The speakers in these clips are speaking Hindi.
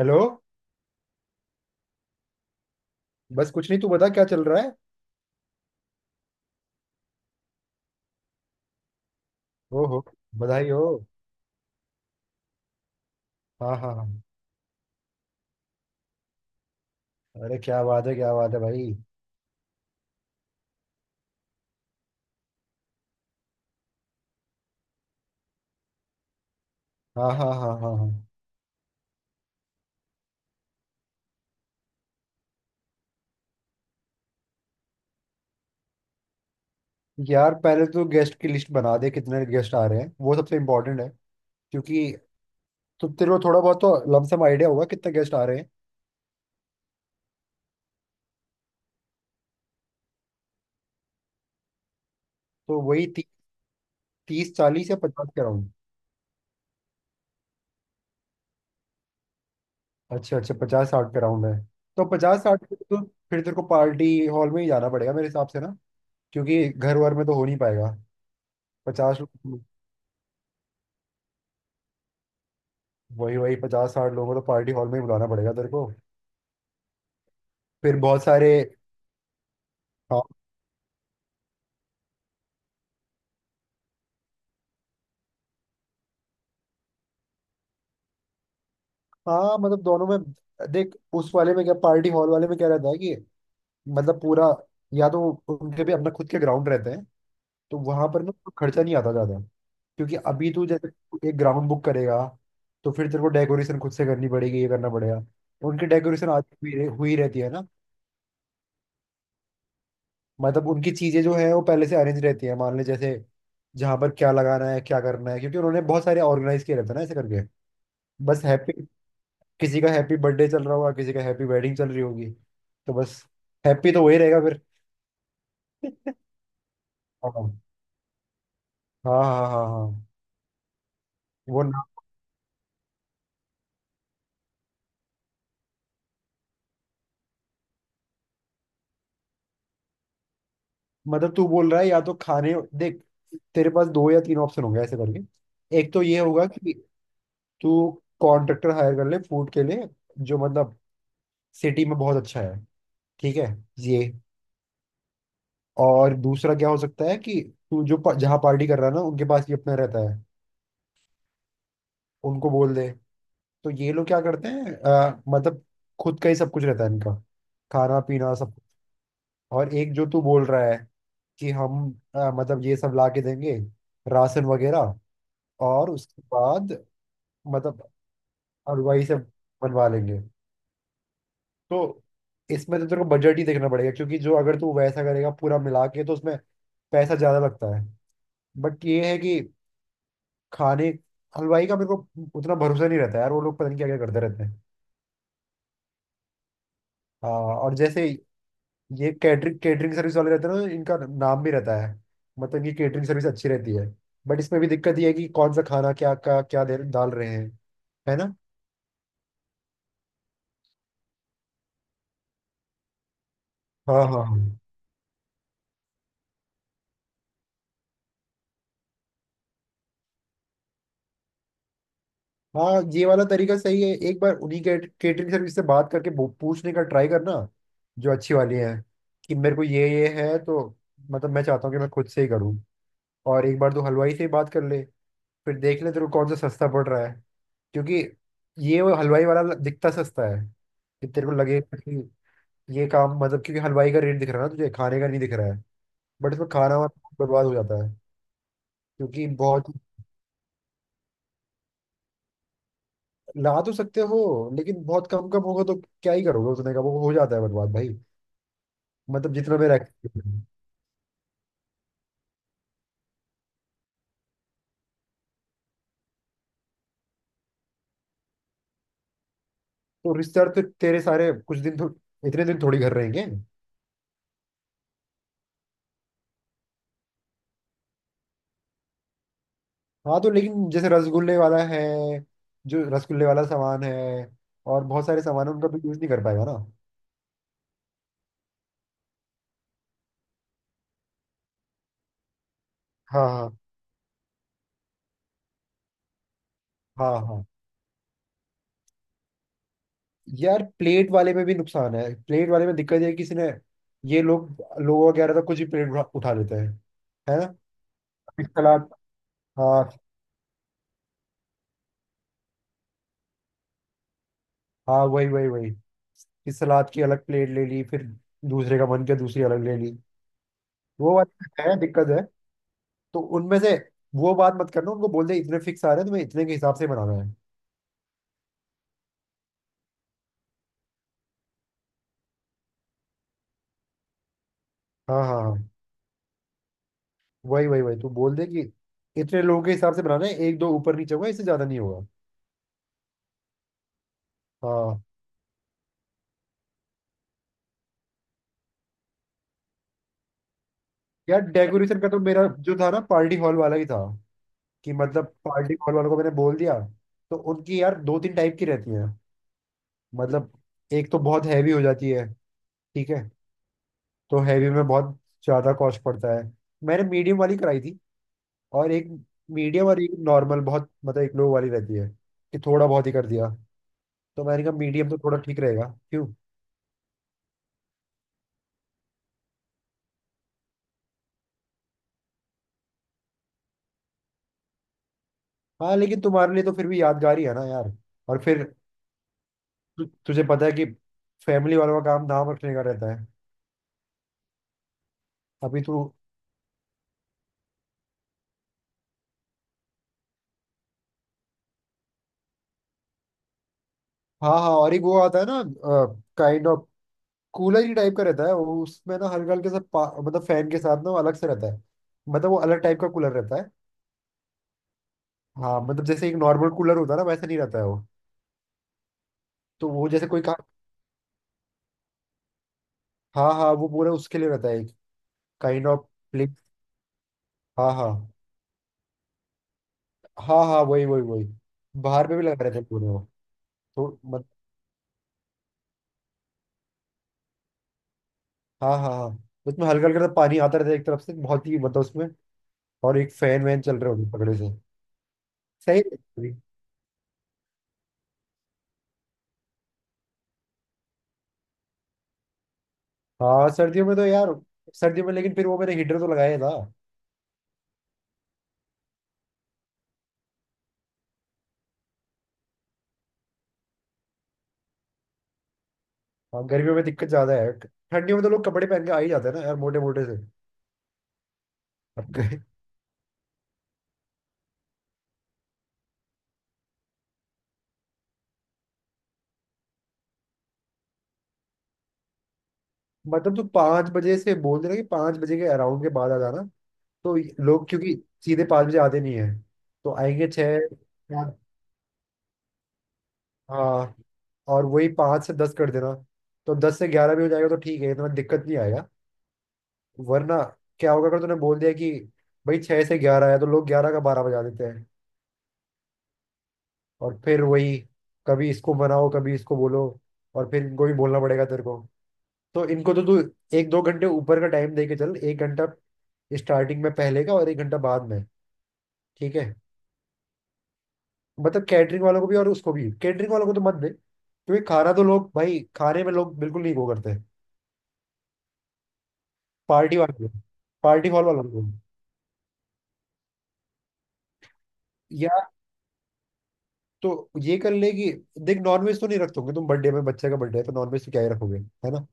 हेलो। बस कुछ नहीं, तू बता क्या चल रहा है। ओहो, बधाई हो। हाँ हाँ हाँ, अरे क्या बात है भाई। हाँ हाँ हाँ हाँ हाँ। यार पहले तो गेस्ट की लिस्ट बना दे, कितने गेस्ट आ रहे हैं वो सबसे इम्पोर्टेंट है। क्योंकि तो तेरे को थोड़ा बहुत तो लमसम आइडिया होगा कितने गेस्ट आ रहे हैं। तो वही तीस चालीस या पचास के राउंड। अच्छा अच्छा, पचास साठ के राउंड है। तो पचास साठ के तो फिर तेरे को पार्टी हॉल में ही जाना पड़ेगा मेरे हिसाब से ना, क्योंकि घर वर में तो हो नहीं पाएगा। पचास, वही वही, पचास साठ लोगों को तो पार्टी हॉल में ही बुलाना पड़ेगा तेरे को। फिर बहुत सारे, हाँ हाँ, मतलब दोनों में देख उस वाले में क्या पार्टी हॉल वाले में क्या रहता है कि मतलब पूरा, या तो उनके भी अपना खुद के ग्राउंड रहते हैं, तो वहां पर ना कोई खर्चा नहीं आता ज्यादा। क्योंकि अभी तू जैसे एक ग्राउंड बुक करेगा तो फिर तेरे को डेकोरेशन खुद से करनी पड़ेगी, ये करना पड़ेगा। उनकी डेकोरेशन आज हुई रहती है ना। मतलब उनकी चीजें जो है वो पहले से अरेंज रहती है। मान ले जैसे जहाँ पर क्या लगाना है क्या करना है, क्योंकि उन्होंने बहुत सारे ऑर्गेनाइज किए रहते हैं ना ऐसे करके। बस हैप्पी, किसी का हैप्पी बर्थडे चल रहा होगा किसी का हैप्पी वेडिंग चल रही होगी, तो बस हैप्पी तो वही रहेगा फिर। हाँ हाँ हाँ हाँ हाँ। वो ना, मतलब तू बोल रहा है या तो खाने देख, तेरे पास दो या तीन ऑप्शन होंगे ऐसे करके। एक तो ये होगा कि तू कॉन्ट्रैक्टर हायर कर ले फूड के लिए, जो मतलब सिटी में बहुत अच्छा है, ठीक है ये। और दूसरा क्या हो सकता है कि तू जो जहाँ पार्टी कर रहा है ना उनके पास भी अपना रहता है, उनको बोल दे। तो ये लोग क्या करते हैं मतलब खुद का ही सब कुछ रहता है इनका, खाना पीना सब कुछ। और एक जो तू बोल रहा है कि हम मतलब ये सब ला के देंगे, राशन वगैरह, और उसके बाद मतलब हलवाई से बनवा लेंगे। तो इसमें तो तेरे को बजट ही देखना पड़ेगा, क्योंकि जो अगर तू वैसा करेगा पूरा मिला के तो उसमें पैसा ज़्यादा लगता है। बट ये है कि खाने, हलवाई का मेरे को उतना भरोसा नहीं रहता यार, वो लोग पता नहीं क्या क्या करते रहते हैं। हाँ, और जैसे ये कैटरिंग कैटरिंग सर्विस वाले रहते हैं ना, इनका नाम भी रहता है, मतलब इनकी कैटरिंग सर्विस अच्छी रहती है। बट इसमें भी दिक्कत ये है कि कौन सा खाना क्या क्या क्या दे डाल रहे हैं, है ना। हाँ हाँ हाँ हाँ, ये वाला तरीका सही है। एक बार उन्हीं के केटरिंग सर्विस से बात करके पूछने का ट्राई करना, जो अच्छी वाली है, कि मेरे को ये है तो मतलब मैं चाहता हूँ कि मैं खुद से ही करूँ। और एक बार तो हलवाई से ही बात कर ले, फिर देख ले तेरे को कौन सा सस्ता पड़ रहा है। क्योंकि ये वो हलवाई वाला दिखता सस्ता है, कि तेरे को लगे ये काम, मतलब क्योंकि हलवाई का रेट दिख रहा है ना तुझे, खाने का नहीं दिख रहा है। बट इसमें खाना वाना बहुत बर्बाद हो जाता है। क्योंकि बहुत, ला तो सकते हो लेकिन बहुत कम कम होगा तो क्या ही करोगे उसने का, वो हो जाता है बर्बाद भाई। मतलब जितना मेरा experience है। तो रिश्तेदार तो तेरे सारे कुछ दिन तो, इतने दिन थोड़ी घर रहेंगे। हाँ, तो लेकिन जैसे रसगुल्ले वाला है, जो रसगुल्ले वाला सामान है और बहुत सारे सामान है उनका तो यूज नहीं कर पाएगा ना। हाँ हाँ हाँ हाँ, यार प्लेट वाले में भी नुकसान है। प्लेट वाले में दिक्कत ये है कि किसी ने, ये लोग लोगों का कह रहा था, कुछ भी प्लेट उठा उठा लेते हैं, है ना। फिर सलाद, हाँ हाँ वही वही वही, फिर सलाद की अलग प्लेट ले ली, फिर दूसरे का मन किया दूसरी अलग ले ली, वो बात है, दिक्कत है। तो उनमें से वो बात मत करना, उनको बोल दे इतने फिक्स आ रहे हैं तुम्हें, इतने के हिसाब से बनाना है। हाँ हाँ हाँ, वही वही वही, तू बोल दे कि इतने लोगों के हिसाब से बनाना है, एक दो ऊपर नीचे होगा इससे ज्यादा नहीं होगा। हाँ यार, डेकोरेशन का तो मेरा जो था ना पार्टी हॉल वाला ही था। कि मतलब पार्टी हॉल वालों को मैंने बोल दिया, तो उनकी यार दो तीन टाइप की रहती है। मतलब एक तो बहुत हैवी हो जाती है, ठीक है, तो हैवी में बहुत ज्यादा कॉस्ट पड़ता है। मैंने मीडियम वाली कराई थी, और एक मीडियम और एक नॉर्मल, बहुत मतलब एक लो वाली रहती है कि थोड़ा बहुत ही कर दिया। तो मैंने कहा मीडियम तो थोड़ा ठीक रहेगा। क्यों, हाँ लेकिन तुम्हारे लिए तो फिर भी यादगार ही है ना यार। और फिर तुझे पता है कि फैमिली वालों का काम नाम रखने का रहता है। अभी तू, हाँ हाँ, और एक वो आता है ना, काइंड ऑफ कूलर ही टाइप का रहता है वो। उसमें ना हल्का मतलब फैन के साथ ना वो अलग से रहता है, मतलब वो अलग टाइप का कूलर रहता है। हाँ मतलब जैसे एक नॉर्मल कूलर होता है ना वैसा नहीं रहता है वो। तो वो जैसे कोई का, हाँ हाँ, वो पूरा उसके लिए रहता है एक, काइंड ऑफ प्लेस। हाँ हाँ हाँ हाँ, वही वही वही, बाहर पे भी लगा रहता है पूरे वो। तो मत, हाँ हाँ हाँ, उसमें हल्का हल्का सा पानी आता रहता है एक तरफ से, बहुत ही मतलब उसमें, और एक फैन वैन चल रहे होंगे पकड़े से। सही है। हाँ सर्दियों में तो यार, सर्दियों में लेकिन फिर वो मैंने हीटर तो लगाया था। हाँ गर्मियों में दिक्कत ज्यादा है, ठंडियों में तो लोग कपड़े पहन के आ ही जाते हैं ना यार, मोटे मोटे से। अब के- मतलब तू पाँच बजे से बोल देना कि पाँच बजे के अराउंड के बाद आ जाना। लोग क्योंकि सीधे पाँच बजे आते नहीं है, तो आएंगे छः या- हाँ। और वही पाँच से दस कर देना, तो दस से ग्यारह भी हो जाएगा तो ठीक है, इतना दिक्कत नहीं आएगा। वरना क्या होगा, अगर तूने बोल दिया कि भाई छः से ग्यारह है तो लोग ग्यारह का बारह बजा देते हैं। और फिर वही, कभी इसको बनाओ कभी इसको बोलो। और फिर इनको भी बोलना पड़ेगा तेरे को, तो इनको तो तू एक दो घंटे ऊपर का टाइम दे के चल, एक घंटा स्टार्टिंग में पहले का और एक घंटा बाद में। ठीक है, मतलब कैटरिंग वालों को भी और उसको भी। कैटरिंग वालों को तो मत दे, क्योंकि खाना तो लोग, भाई खाने में लोग बिल्कुल नहीं वो करते। पार्टी वाले, पार्टी हॉल वालों को। या तो ये कर ले कि देख नॉनवेज तो नहीं रखोगे तुम बर्थडे में, बच्चे का बर्थडे है तो नॉनवेज तो क्या ही रखोगे, है ना।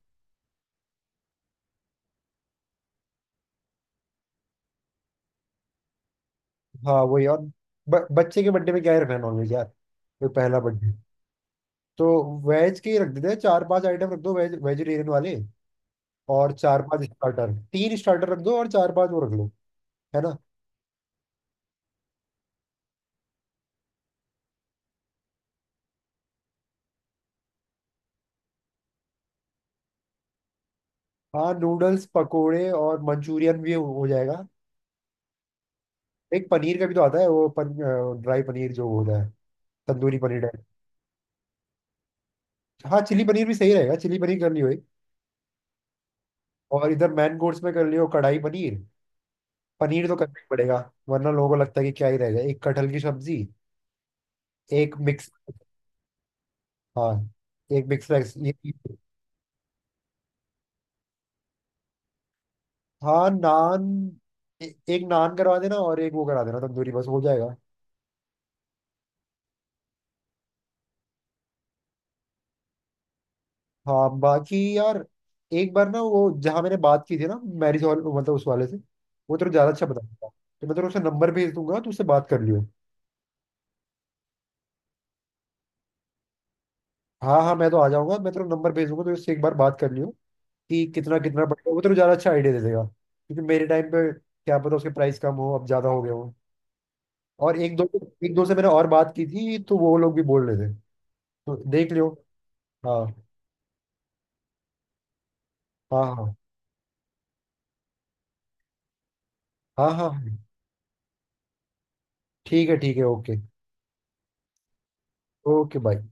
हाँ वही, और बच्चे के बर्थडे में क्या ही रखना है नॉनवेज यार। वो पहला बर्थडे, तो वेज के ही रख देते हैं, चार पांच आइटम रख दो वेज वेजिटेरियन वाले। और चार पांच स्टार्टर, तीन स्टार्टर रख दो, और चार पांच वो रख लो, है ना। हाँ नूडल्स पकोड़े और मंचूरियन भी हो जाएगा। एक पनीर का भी तो आता है वो ड्राई पनीर जो होता है, तंदूरी पनीर टाइप। हाँ चिली पनीर भी सही रहेगा, चिली पनीर कर लियो एक। और इधर मैन कोर्स में कर लियो कढ़ाई पनीर, पनीर तो करना ही पड़ेगा, वरना लोगों को लगता है कि क्या ही रहेगा। एक कटहल की सब्जी, एक मिक्स, हाँ एक मिक्स वेज ये। हाँ नान, एक नान करवा देना और एक वो करा देना तंदूरी, बस हो जाएगा। हाँ बाकी यार एक बार ना वो जहाँ मैंने बात की थी ना, मैरिज हॉल मतलब उस वाले से, वो तेरे को ज्यादा अच्छा बताऊंगा तो मैं तेरे को उसका नंबर भेज दूंगा, तो उससे बात कर लियो। हाँ हाँ, मैं तो आ जाऊंगा। मैं तेरे को नंबर भेज दूंगा तो उससे एक बार बात कर लियो, कि कितना कितना पड़ेगा। वो तेरे को ज्यादा अच्छा आइडिया दे देगा, क्योंकि मेरे टाइम पे क्या पता उसके प्राइस कम हो, अब ज्यादा हो गए हो। और एक दो, एक दो से मैंने और बात की थी, तो वो लोग भी बोल रहे थे, तो देख लियो। हाँ हाँ हाँ हाँ हाँ हाँ। ठीक है ठीक है, ओके। Okay bye.